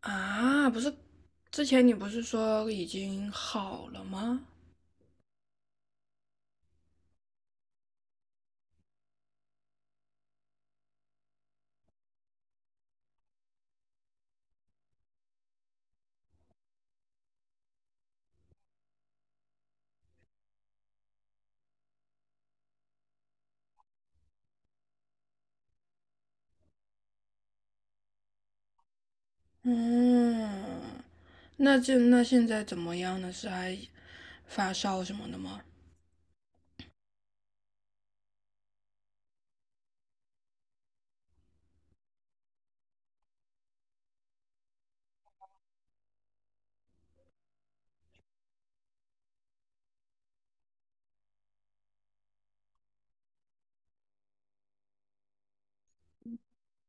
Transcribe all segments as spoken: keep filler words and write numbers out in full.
啊，不是，之前你不是说已经好了吗？嗯，那这那现在怎么样呢？是还发烧什么的吗？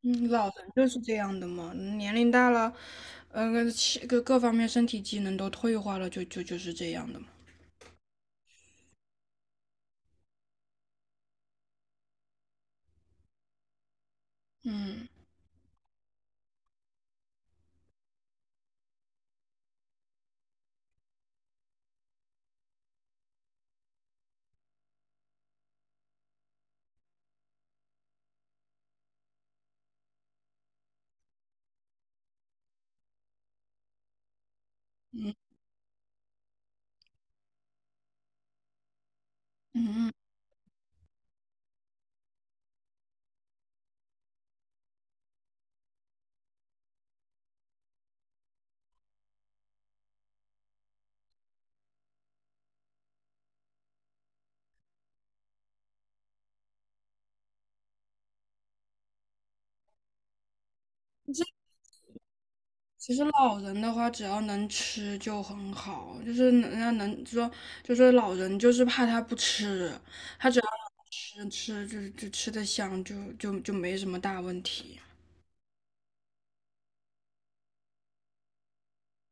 嗯，老人就是这样的嘛，年龄大了，嗯、呃，气各各方面身体机能都退化了，就就就是这样的嘛。嗯嗯嗯嗯，其实老人的话，只要能吃就很好，就是能人家能说，就说老人就是怕他不吃，他只要。吃吃就就吃的香，就就就没什么大问题。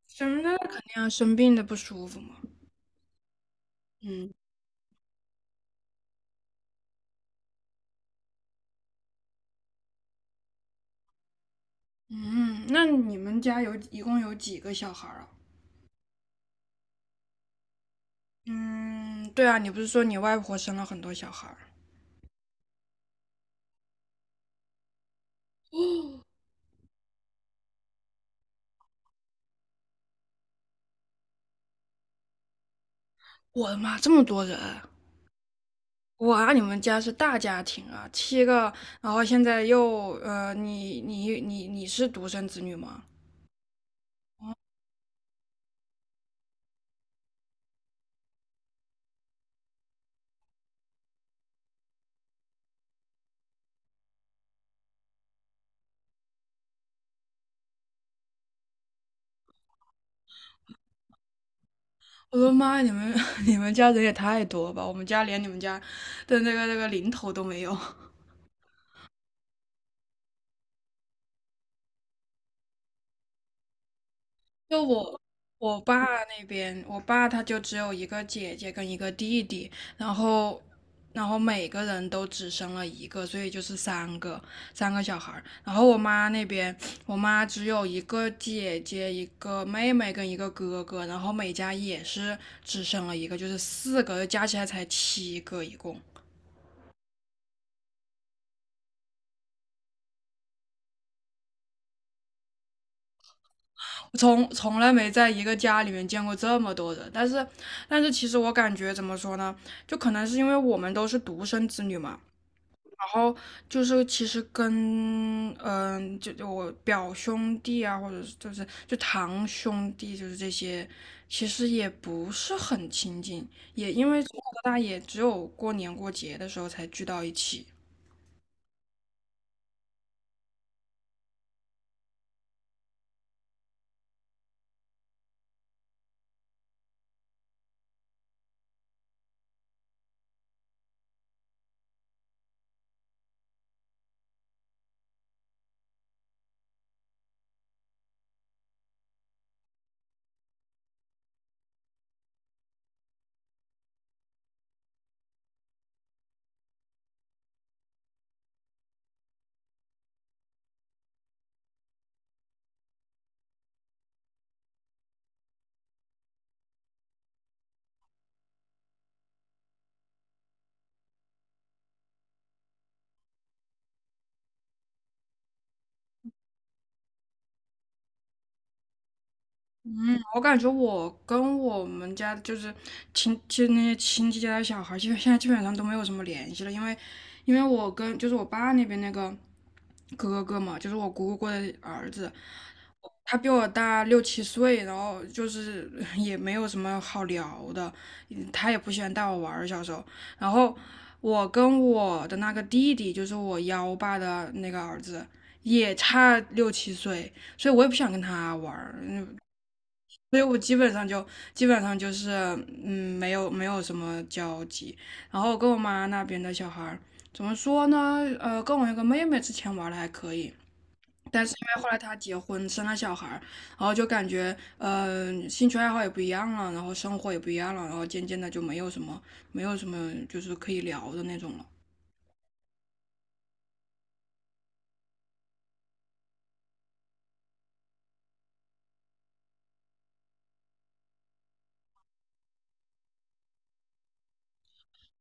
生的肯定要生病的不舒服嘛。嗯嗯，那你们家有一共有几个小孩儿啊？嗯，对啊，你不是说你外婆生了很多小孩儿？我的妈，这么多人！哇，你们家是大家庭啊，七个，然后现在又呃，你你你你是独生子女吗？我的妈你们 你们家人也太多吧？我们家连你们家的那个那个零头都没有。就我我爸那边，我爸他就只有一个姐姐跟一个弟弟，然后然后每个人都只生了一个，所以就是三个三个小孩儿。然后我妈那边，我妈只有一个姐姐、一个妹妹跟一个哥哥，然后每家也是只生了一个，就是四个，加起来才七个一共。从从来没在一个家里面见过这么多人，但是但是其实我感觉怎么说呢，就可能是因为我们都是独生子女嘛。然后就是其实跟嗯，就就我表兄弟啊，或者是就是就堂兄弟，就是这些，其实也不是很亲近，也因为从小到大也只有过年过节的时候才聚到一起。我感觉我跟我们家就是亲，就那些亲戚家的小孩，基现在基本上都没有什么联系了，因为因为我跟就是我爸那边那个哥哥嘛，就是我姑姑过的儿子，他比我大六七岁，然后就是 也没有什么好聊的，嗯他也不喜欢带我玩儿，小时候。然后我跟我的那个弟弟，就是我幺爸的那个儿子，也差六七岁，所以我也不想跟他玩儿，嗯所以我基本上就基本上就是嗯，没有没有什么交集。然后跟我妈那边的小孩儿怎么说呢？呃，跟我那个妹妹之前玩的还可以，但是因为后来她结婚生了小孩儿，然后就感觉呃兴趣爱好也不一样了，然后生活也不一样了，然后渐渐的就没有什么没有什么就是可以聊的那种了。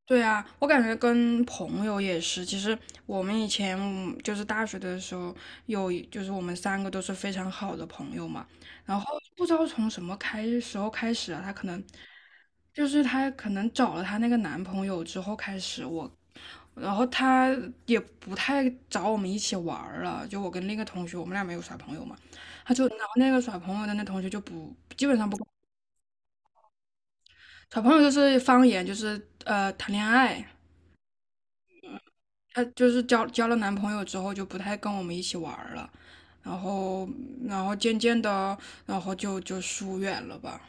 对啊，我感觉跟朋友也是。其实我们以前嗯就是大学的时候，有一就是我们三个都是非常好的朋友嘛。然后不知道从什么开时候开始啊，她可能就是她可能找了她那个男朋友之后开始我，然后她也不太找我们一起玩儿了。就我跟另一个同学，我们俩没有耍朋友嘛，她就然后那个耍朋友的那同学就不基本上不跟耍朋友，就是方言，就是呃谈恋爱。她就是交交了男朋友之后就不太跟我们一起玩儿了，然后然后渐渐的，然后就就疏远了吧，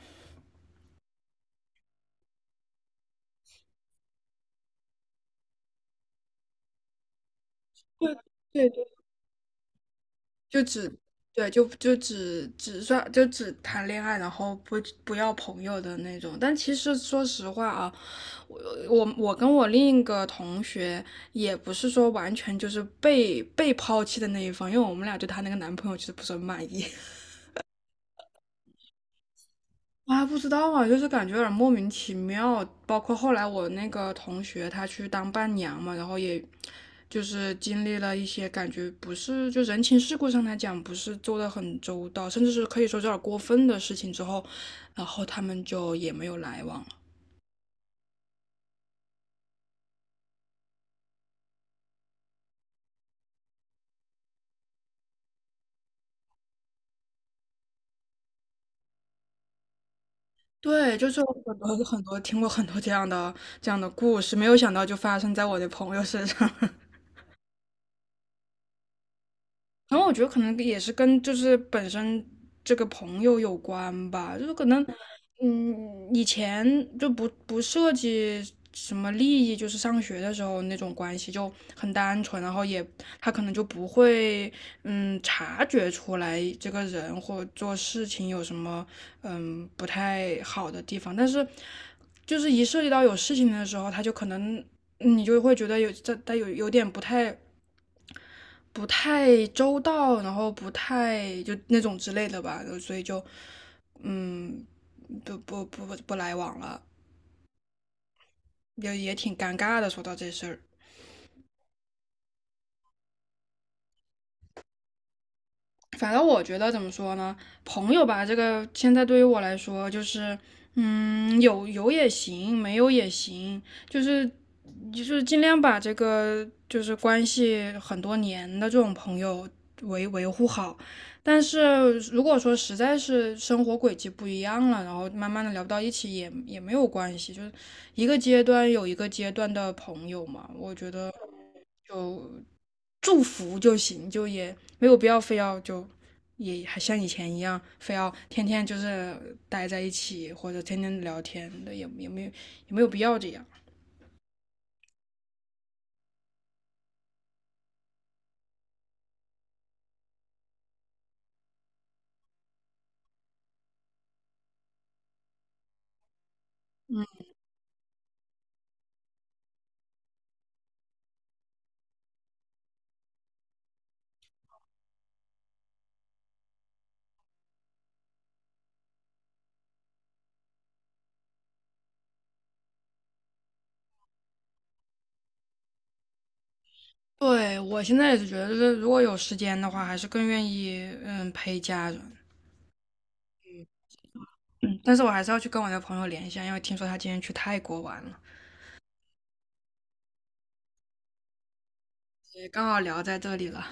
对对，就只对就就只只算就只谈恋爱，然后不不要朋友的那种。但其实说实话啊，我我我跟我另一个同学也不是说完全就是被被抛弃的那一方，因为我们俩对她那个男朋友其实不是很满意。啊，不知道啊，就是感觉有点莫名其妙。包括后来我那个同学，他去当伴娘嘛，然后也就是经历了一些感觉不是就人情世故上来讲不是做的很周到，甚至是可以说有点过分的事情之后，然后他们就也没有来往了。对，就是有很多很多听过很多这样的这样的故事，没有想到就发生在我的朋友身上。然后我觉得可能也是跟就是本身这个朋友有关吧，就是可能，嗯，以前就不不涉及什么利益，就是上学的时候那种关系就很单纯，然后也他可能就不会嗯察觉出来这个人或做事情有什么嗯不太好的地方，但是就是一涉及到有事情的时候，他就可能嗯你就会觉得有这他有有点不太不太周到，然后不太就那种之类的吧，所以就嗯，不不不不来往了，也也挺尴尬的。说到这事儿，反正我觉得怎么说呢，朋友吧，这个现在对于我来说就是，嗯，有有也行，没有也行，就是就是尽量把这个就是关系很多年的这种朋友维维护好。但是如果说实在是生活轨迹不一样了，然后慢慢的聊不到一起也也没有关系，就是一个阶段有一个阶段的朋友嘛，我觉得就祝福就行，就也没有必要非要就也还像以前一样，非要天天就是待在一起或者天天聊天的，也也没有也没有必要这样。对我现在也是觉得，就是如果有时间的话，还是更愿意嗯陪家人。嗯但是我还是要去跟我的朋友联系啊因为听说他今天去泰国玩了，也刚好聊在这里了。